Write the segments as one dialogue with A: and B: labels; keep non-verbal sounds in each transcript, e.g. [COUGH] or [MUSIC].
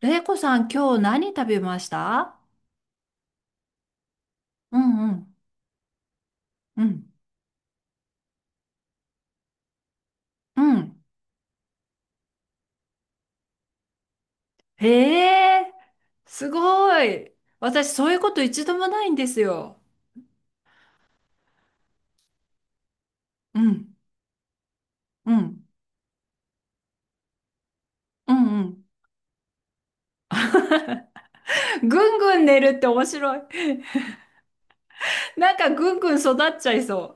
A: れいこさん、今日何食べました？うんうん、うん、うん。へえ、すごい。私、そういうこと一度もないんですよ。うん、うん、うん、うん。[LAUGHS] ぐんぐん寝るって面白い。[LAUGHS] なんかぐんぐん育っちゃいそ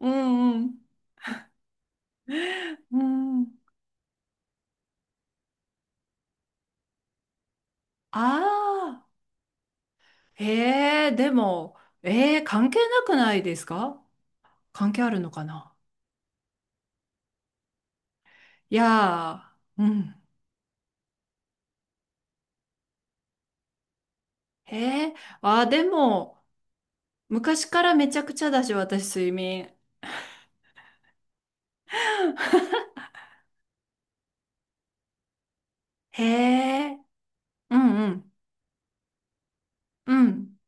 A: う。うんうん。うん。ああ。へえ、でも、関係なくないですか？関係あるのかな？いやー、うん。へえ、あー、でも、昔からめちゃくちゃだし、私、睡眠。へえ、うんうん、うん、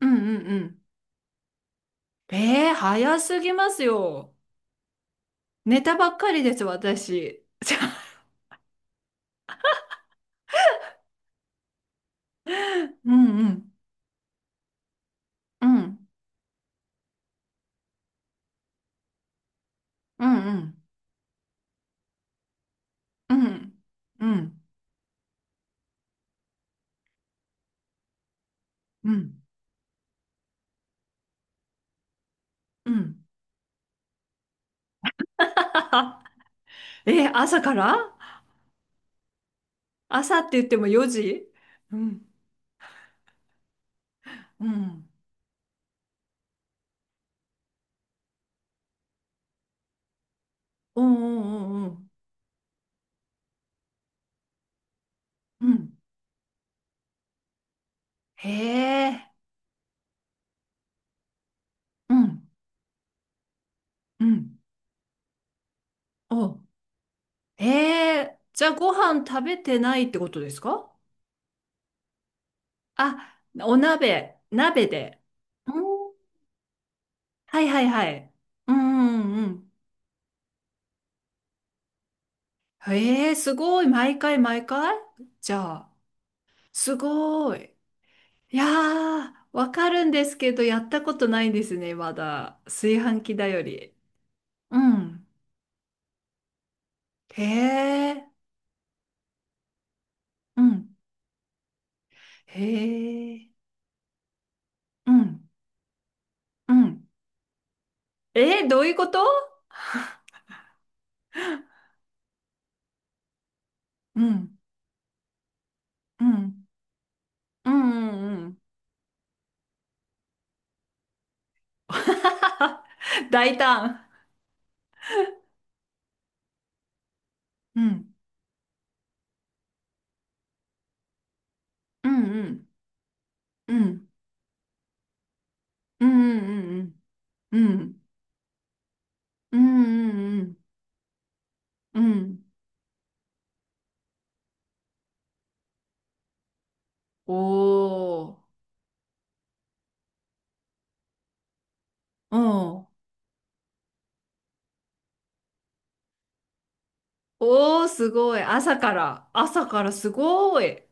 A: うんうんうん。ええ、早すぎますよ。寝たばっかりです、私。[LAUGHS] うんうん、うん、うんうん、うん、うん、うん、うん。[LAUGHS] え、朝から。朝って言っても4時？うん、うん、おうんうんうんうん、うん。へえ、うん、うん、お、へえ、じゃあご飯食べてないってことですか？あ、お鍋、鍋で。うん。はいはいはい。うんうんうん。へえ、すごい。毎回毎回？じゃあ、すごい。いやー、わかるんですけど、やったことないんですね、まだ。炊飯器だより。うん。へえ、うん。へえ、うん、うん。どういうこと？ [LAUGHS] うん、うん、うん、うん、うん。[LAUGHS] 大胆。うん、うん、うん、うん。うんうんうんうんうんうんうんうん。おー。うん。おー、すごい。朝から、朝からすごい。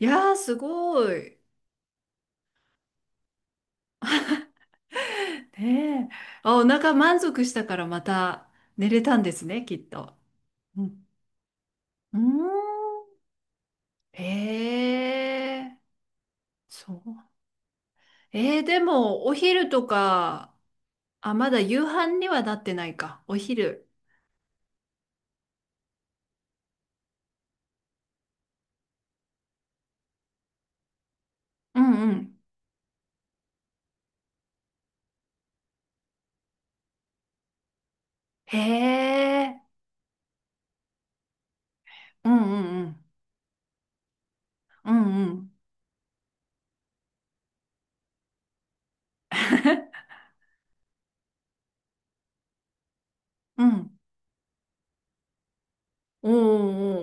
A: いやーすごい。ねえ。あ、お腹満足したからまた寝れたんですね、きっと。うん。うーん。へえ。そう。でもお昼とか？あ、まだ夕飯にはなってないかお昼。うんうん。へえ。うんうんうんうんうんうん。おー。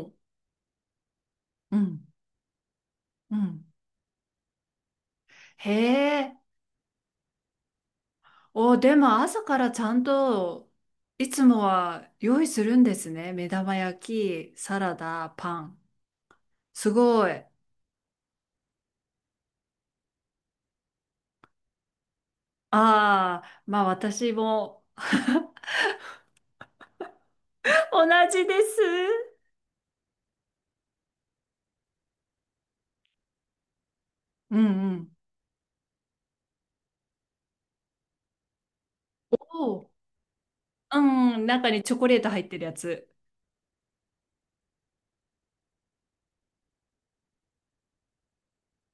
A: おー。うんうん。へー。おー、でも朝からちゃんといつもは用意するんですね、目玉焼きサラダパン。すごい。あー、まあ私もははっ同じです。うんうん。おーんー、中にチョコレート入ってるやつ。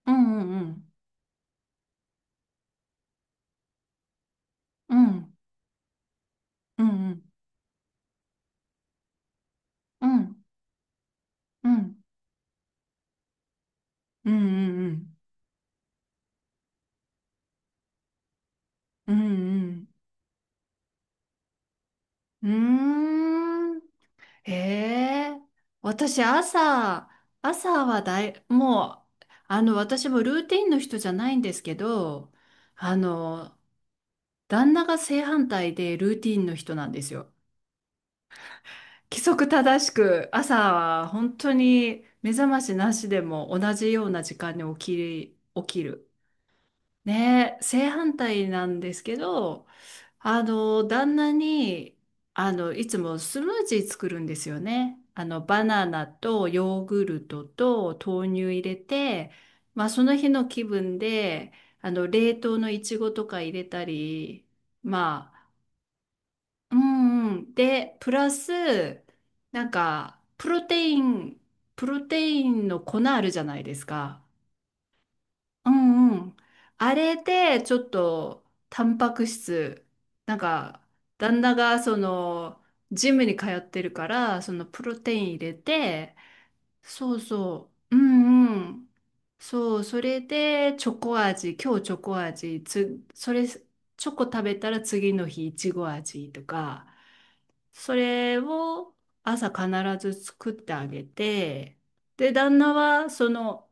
A: うんうんうんうんうんうんうんうんうんうんうんうん。うーん。へえ、私朝、朝はだい、もう、私もルーティンの人じゃないんですけど、あの、旦那が正反対でルーティンの人なんですよ。規則正しく、朝は本当に目覚ましなしでも同じような時間に起きる。ね、正反対なんですけど、旦那に、いつもスムージー作るんですよね。バナナとヨーグルトと豆乳入れて、まあ、その日の気分で、冷凍のいちごとか入れたり、まあ、うんうん。で、プラス、なんか、プロテインの粉あるじゃないですか。うんうん。あれで、ちょっと、タンパク質、なんか、旦那が、その、ジムに通ってるから、その、プロテイン入れて、そうそう、うんうん。そう、それで、チョコ味、今日チョコ味、それ、チョコ食べたら次の日、いちご味とか、それを朝必ず作ってあげて、で、旦那は、その、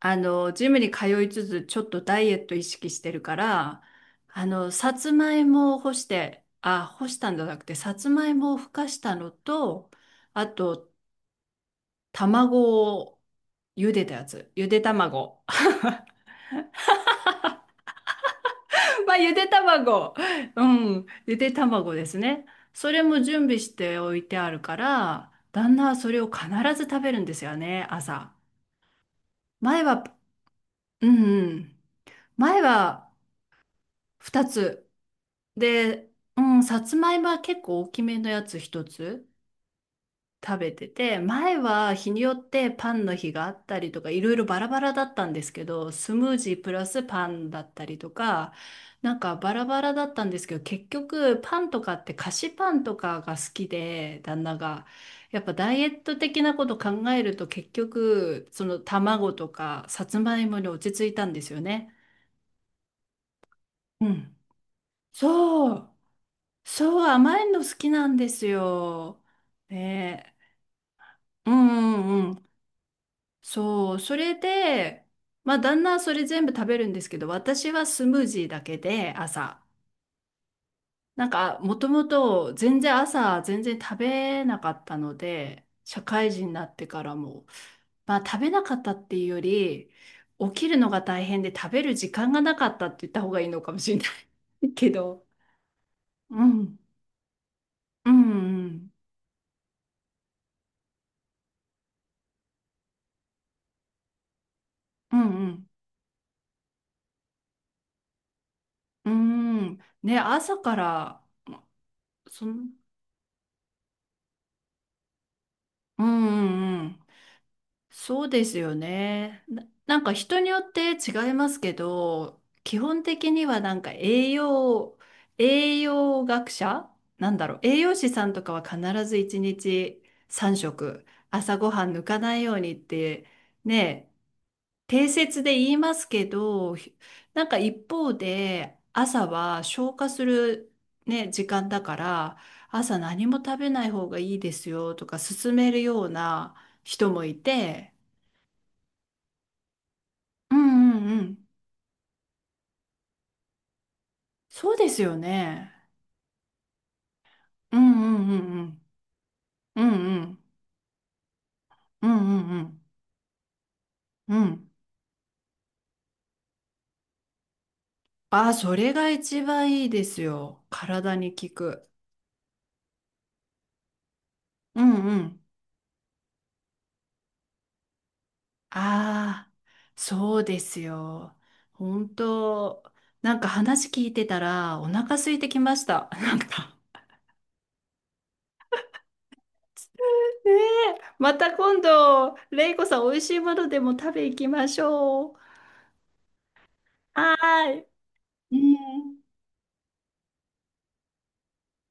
A: ジムに通いつつ、ちょっとダイエット意識してるから、さつまいもを干して、あ、干したんじゃなくて、さつまいもをふかしたのと、あと、卵を茹でたやつ。ゆで卵。[LAUGHS] まあ、ゆで卵。うん。ゆで卵ですね。それも準備しておいてあるから、旦那はそれを必ず食べるんですよね、朝。前は、うんうん。前は2つ。で、うん、さつまいもは結構大きめのやつ一つ食べてて、前は日によってパンの日があったりとか、いろいろバラバラだったんですけど、スムージープラスパンだったりとか、なんかバラバラだったんですけど、結局パンとかって菓子パンとかが好きで、旦那が。やっぱダイエット的なこと考えると結局、その卵とかさつまいもに落ち着いたんですよね。うん。そう。そう、甘いの好きなんですよ。ねえ。うんうんうん。そう、それで、まあ、旦那はそれ全部食べるんですけど、私はスムージーだけで、朝。なんか、もともと全然朝、全然食べなかったので、社会人になってからも、まあ、食べなかったっていうより、起きるのが大変で食べる時間がなかったって言った方がいいのかもしれない [LAUGHS] けど。うん。うんうん。うんうん。うーん。ね、朝から、その、うんうんうん。そうですよね。なんか人によって違いますけど、基本的にはなんか栄養学者なんだろう。栄養士さんとかは必ず1日3食、朝ごはん抜かないようにって、ね、定説で言いますけど、なんか一方で朝は消化するね、時間だから、朝何も食べない方がいいですよとか勧めるような人もいて、うんうんうん。そうですよね。うんうんうんうん。うんうん。うんうんうん。うん。あ、それが一番いいですよ。体に効く。うんうん。ああ、そうですよ。本当、なんか話聞いてたらお腹空いてきました。[LAUGHS] なんか。ねえ、また今度、レイコさん、美味しいものでも食べ行きましょう。はーい。うん。